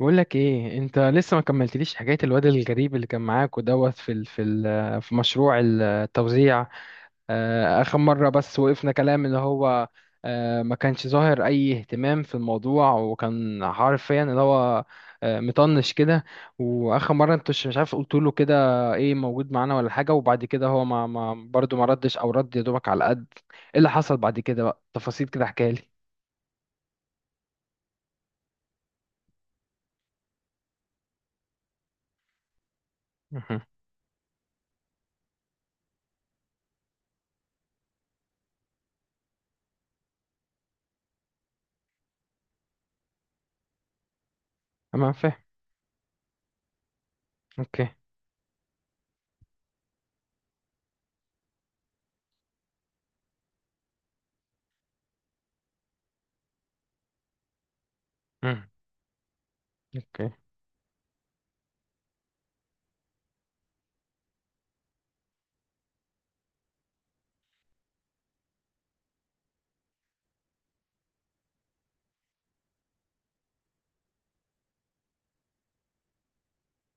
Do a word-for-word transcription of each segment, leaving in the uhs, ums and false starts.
بقول لك ايه؟ انت لسه ما كملتليش حكايه الواد الغريب اللي كان معاك ودوت في ال في ال في مشروع التوزيع. آه، اخر مره بس وقفنا كلام اللي هو آه، ما كانش ظاهر اي اهتمام في الموضوع، وكان حرفيا اللي هو آه، مطنش كده. واخر مره انت مش مش عارف قلت له كده ايه، موجود معانا ولا حاجه؟ وبعد كده هو ما ما برضه ما ردش، او رد يا دوبك على قد ايه اللي حصل بعد كده. بقى تفاصيل كده احكيها لي. مهم. انا فاهم. اوكي. مم. اوكي.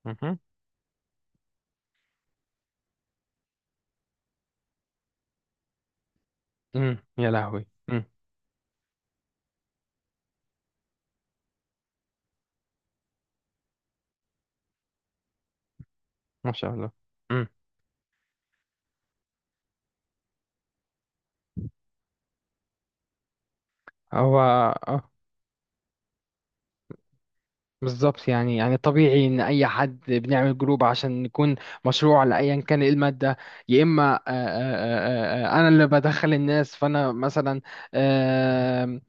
مهم. امم يا لهوي. امم ما شاء الله. امم هو آه، بالظبط. يعني يعني طبيعي ان اي حد بنعمل جروب عشان نكون مشروع لايا كان إيه الماده، يا اما آه، آه، آه، آه، آه، انا اللي بدخل الناس. فانا مثلا آه،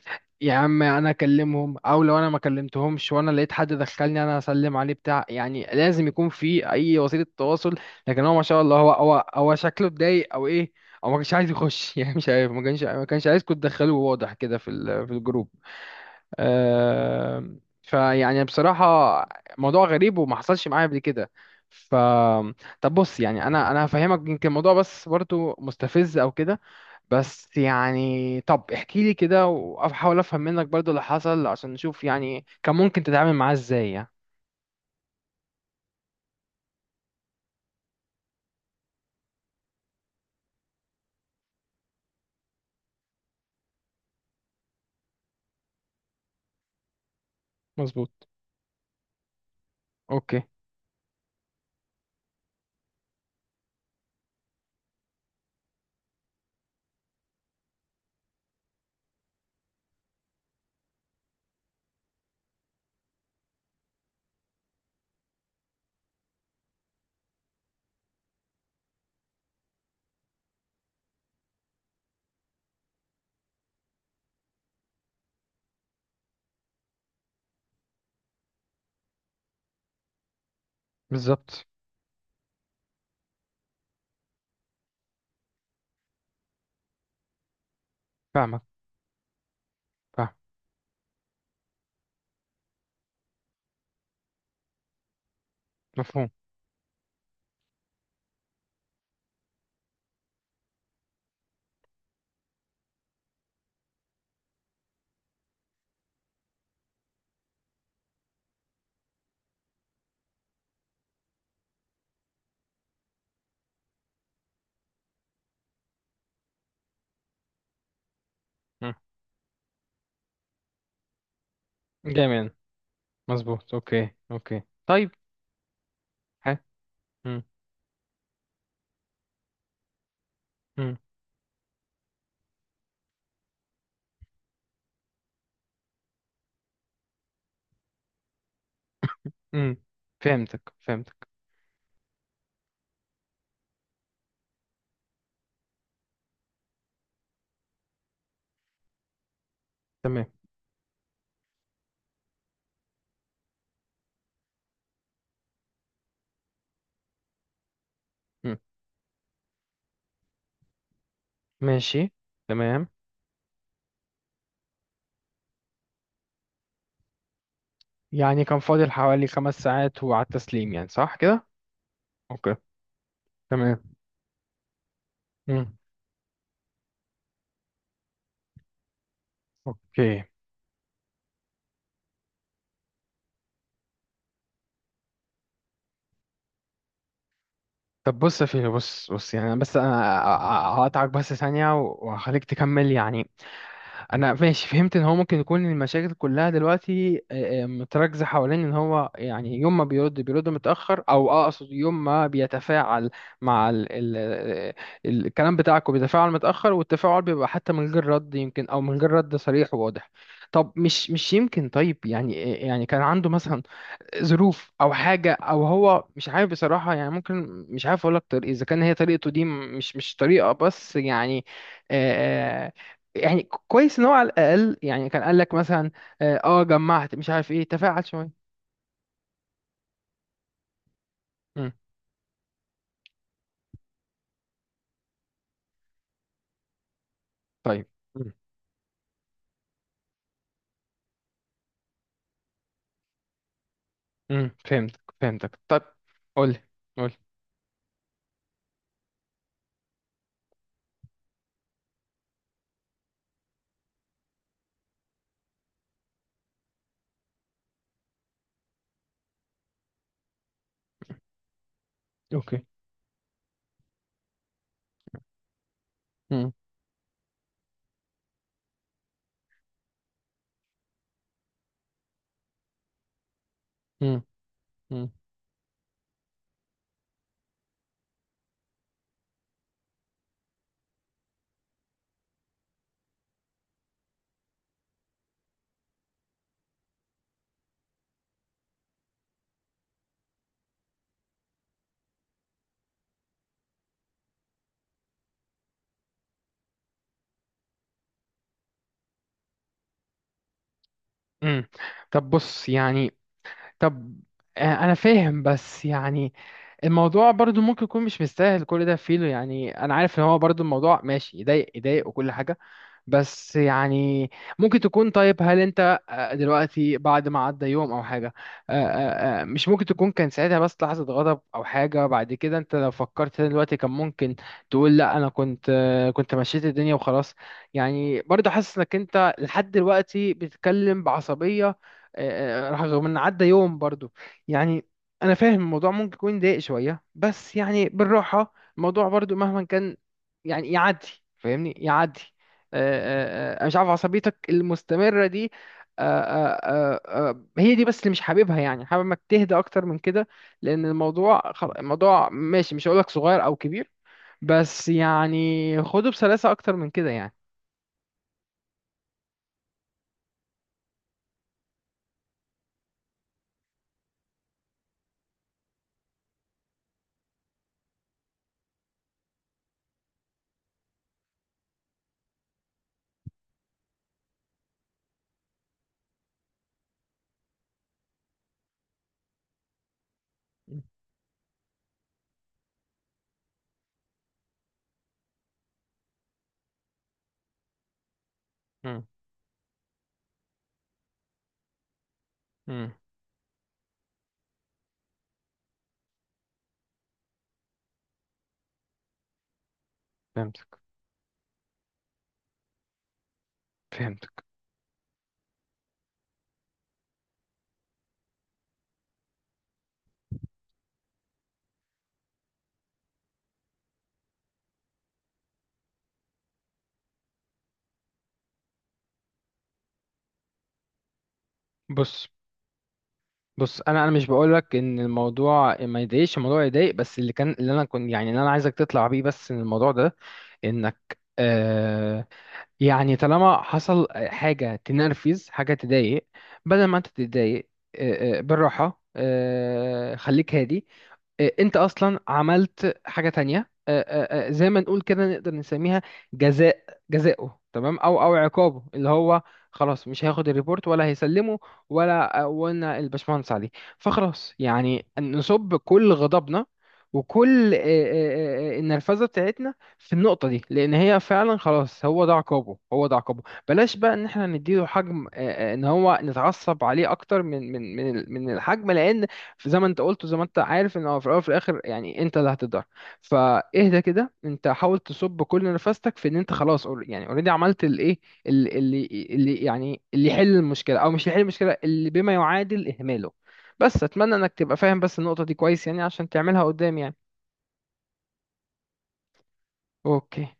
يا عم انا اكلمهم، او لو انا ما كلمتهمش وانا لقيت حد دخلني انا هسلم عليه بتاع، يعني لازم يكون في اي وسيله تواصل. لكن هو ما شاء الله، هو هو هو شكله اتضايق او ايه، او ما كانش عايز يخش يعني مش عارف، ما كانش ما كانش عايزكم تدخلوه، واضح كده في ال- في الجروب. آم، فيعني بصراحة موضوع غريب وما حصلش معايا قبل كده. ف طب بص، يعني انا انا هفهمك يمكن الموضوع، بس برضو مستفز او كده. بس يعني طب احكي لي كده واحاول افهم منك برضو اللي حصل، عشان نشوف يعني كان ممكن تتعامل معاه ازاي يعني. مظبوط. اوكي. بالظبط. فاهمك. فاهم. مفهوم. مم. جميل. مظبوط. اوكي اوكي طيب. حلو. مم. مم. مم. فهمتك فهمتك. تمام. مم. ماشي. تمام. يعني كان فاضل حوالي خمس ساعات وعلى التسليم، يعني صح كده؟ اوكي. تمام. مم. اوكي. طب بص يا فيلو، بص بص، يعني أنا بس انا هقطعك بس ثانية وهخليك تكمل يعني. انا ماشي فهمت ان هو ممكن يكون المشاكل كلها دلوقتي آه، آه، متركزه حوالين ان هو يعني يوم ما بيرد بيرد متاخر، او آه، اقصد يوم ما بيتفاعل مع ال ال ال الكلام بتاعكم بيتفاعل متاخر، والتفاعل بيبقى حتى من غير رد يمكن، او من غير رد صريح وواضح. طب مش مش يمكن، طيب، يعني يعني كان عنده مثلا ظروف او حاجه، او هو مش عارف بصراحه يعني، ممكن مش عارف اقول لك طريق اذا كان هي طريقته دي، م- مش مش طريقه بس يعني آه يعني. كويس ان هو على الاقل يعني كان قال لك مثلا اه آه، جمعت مش عارف ايه، تفاعل شويه. مم. طيب. مم. مم. فهمتك فهمتك. طب قول لي، قول لي. اوكي. مم. مم. مم. مم. طب بص يعني، طب آه، انا فاهم بس يعني الموضوع برضو ممكن يكون مش مستاهل كل ده فينه، يعني انا عارف ان هو برضو الموضوع ماشي يضايق يضايق وكل حاجة، بس يعني ممكن تكون طيب، هل انت آه، دلوقتي بعد ما عدى يوم او حاجة آه، آه، آه، مش ممكن تكون كان ساعتها بس لحظة غضب او حاجة، بعد كده انت لو فكرت تاني دلوقتي كان ممكن تقول لا، انا كنت آه، كنت مشيت الدنيا وخلاص. يعني برضه حاسس انك انت لحد دلوقتي بتتكلم بعصبية، آه، آه، رغم ان عدى يوم برضه، يعني. انا فاهم الموضوع ممكن يكون ضايق شوية، بس يعني بالراحة الموضوع برضه مهما كان يعني يعدي. فاهمني، يعدي. آه، آه، آه، مش عارف عصبيتك المستمرة دي. آه، آه، آه، آه، هي دي بس اللي مش حاببها، يعني حابب انك تهدى اكتر من كده. لان الموضوع خل- الموضوع ماشي، مش هقولك صغير او كبير، بس يعني خده بسلاسة اكتر من كده يعني. مم. مم. فهمتك فهمتك. بص بص، انا انا مش بقولك ان الموضوع ما يضايقش، الموضوع يضايق. بس اللي كان اللي انا كنت يعني اللي انا عايزك تطلع بيه بس من الموضوع ده انك آه، يعني طالما حصل حاجة تنرفز حاجة تضايق، بدل ما انت تتضايق آه، آه، بالراحة آه، خليك هادي. آه، انت اصلا عملت حاجه تانية آه، آه، آه، زي ما نقول كده نقدر نسميها جزاء، جزاؤه تمام، او او عقابه اللي هو خلاص مش هياخد الريبورت ولا هيسلمه، ولا آه، ولا الباشمهندس عليه. فخلاص يعني نصب كل غضبنا وكل آه، آه، آه، آه، النرفزه بتاعتنا في النقطه دي، لان هي فعلا خلاص هو ده عقابه، هو ده عقابه. بلاش بقى ان احنا نديله حجم آه، آه، ان هو نتعصب عليه اكتر من من من من الحجم، لان زي ما انت قلت وزي ما انت عارف ان هو في الاول وفي الاخر يعني انت اللي هتتضرر. فاهدى كده، انت حاول تصب كل نفستك في ان انت خلاص أور- يعني اوريدي عملت الايه، ال- اللي اللي يعني اللي يحل المشكله، او مش اللي يحل المشكله، اللي بما يعادل اهماله. بس اتمنى انك تبقى فاهم بس النقطه دي كويس يعني، عشان تعملها قدام يعني. اوكي.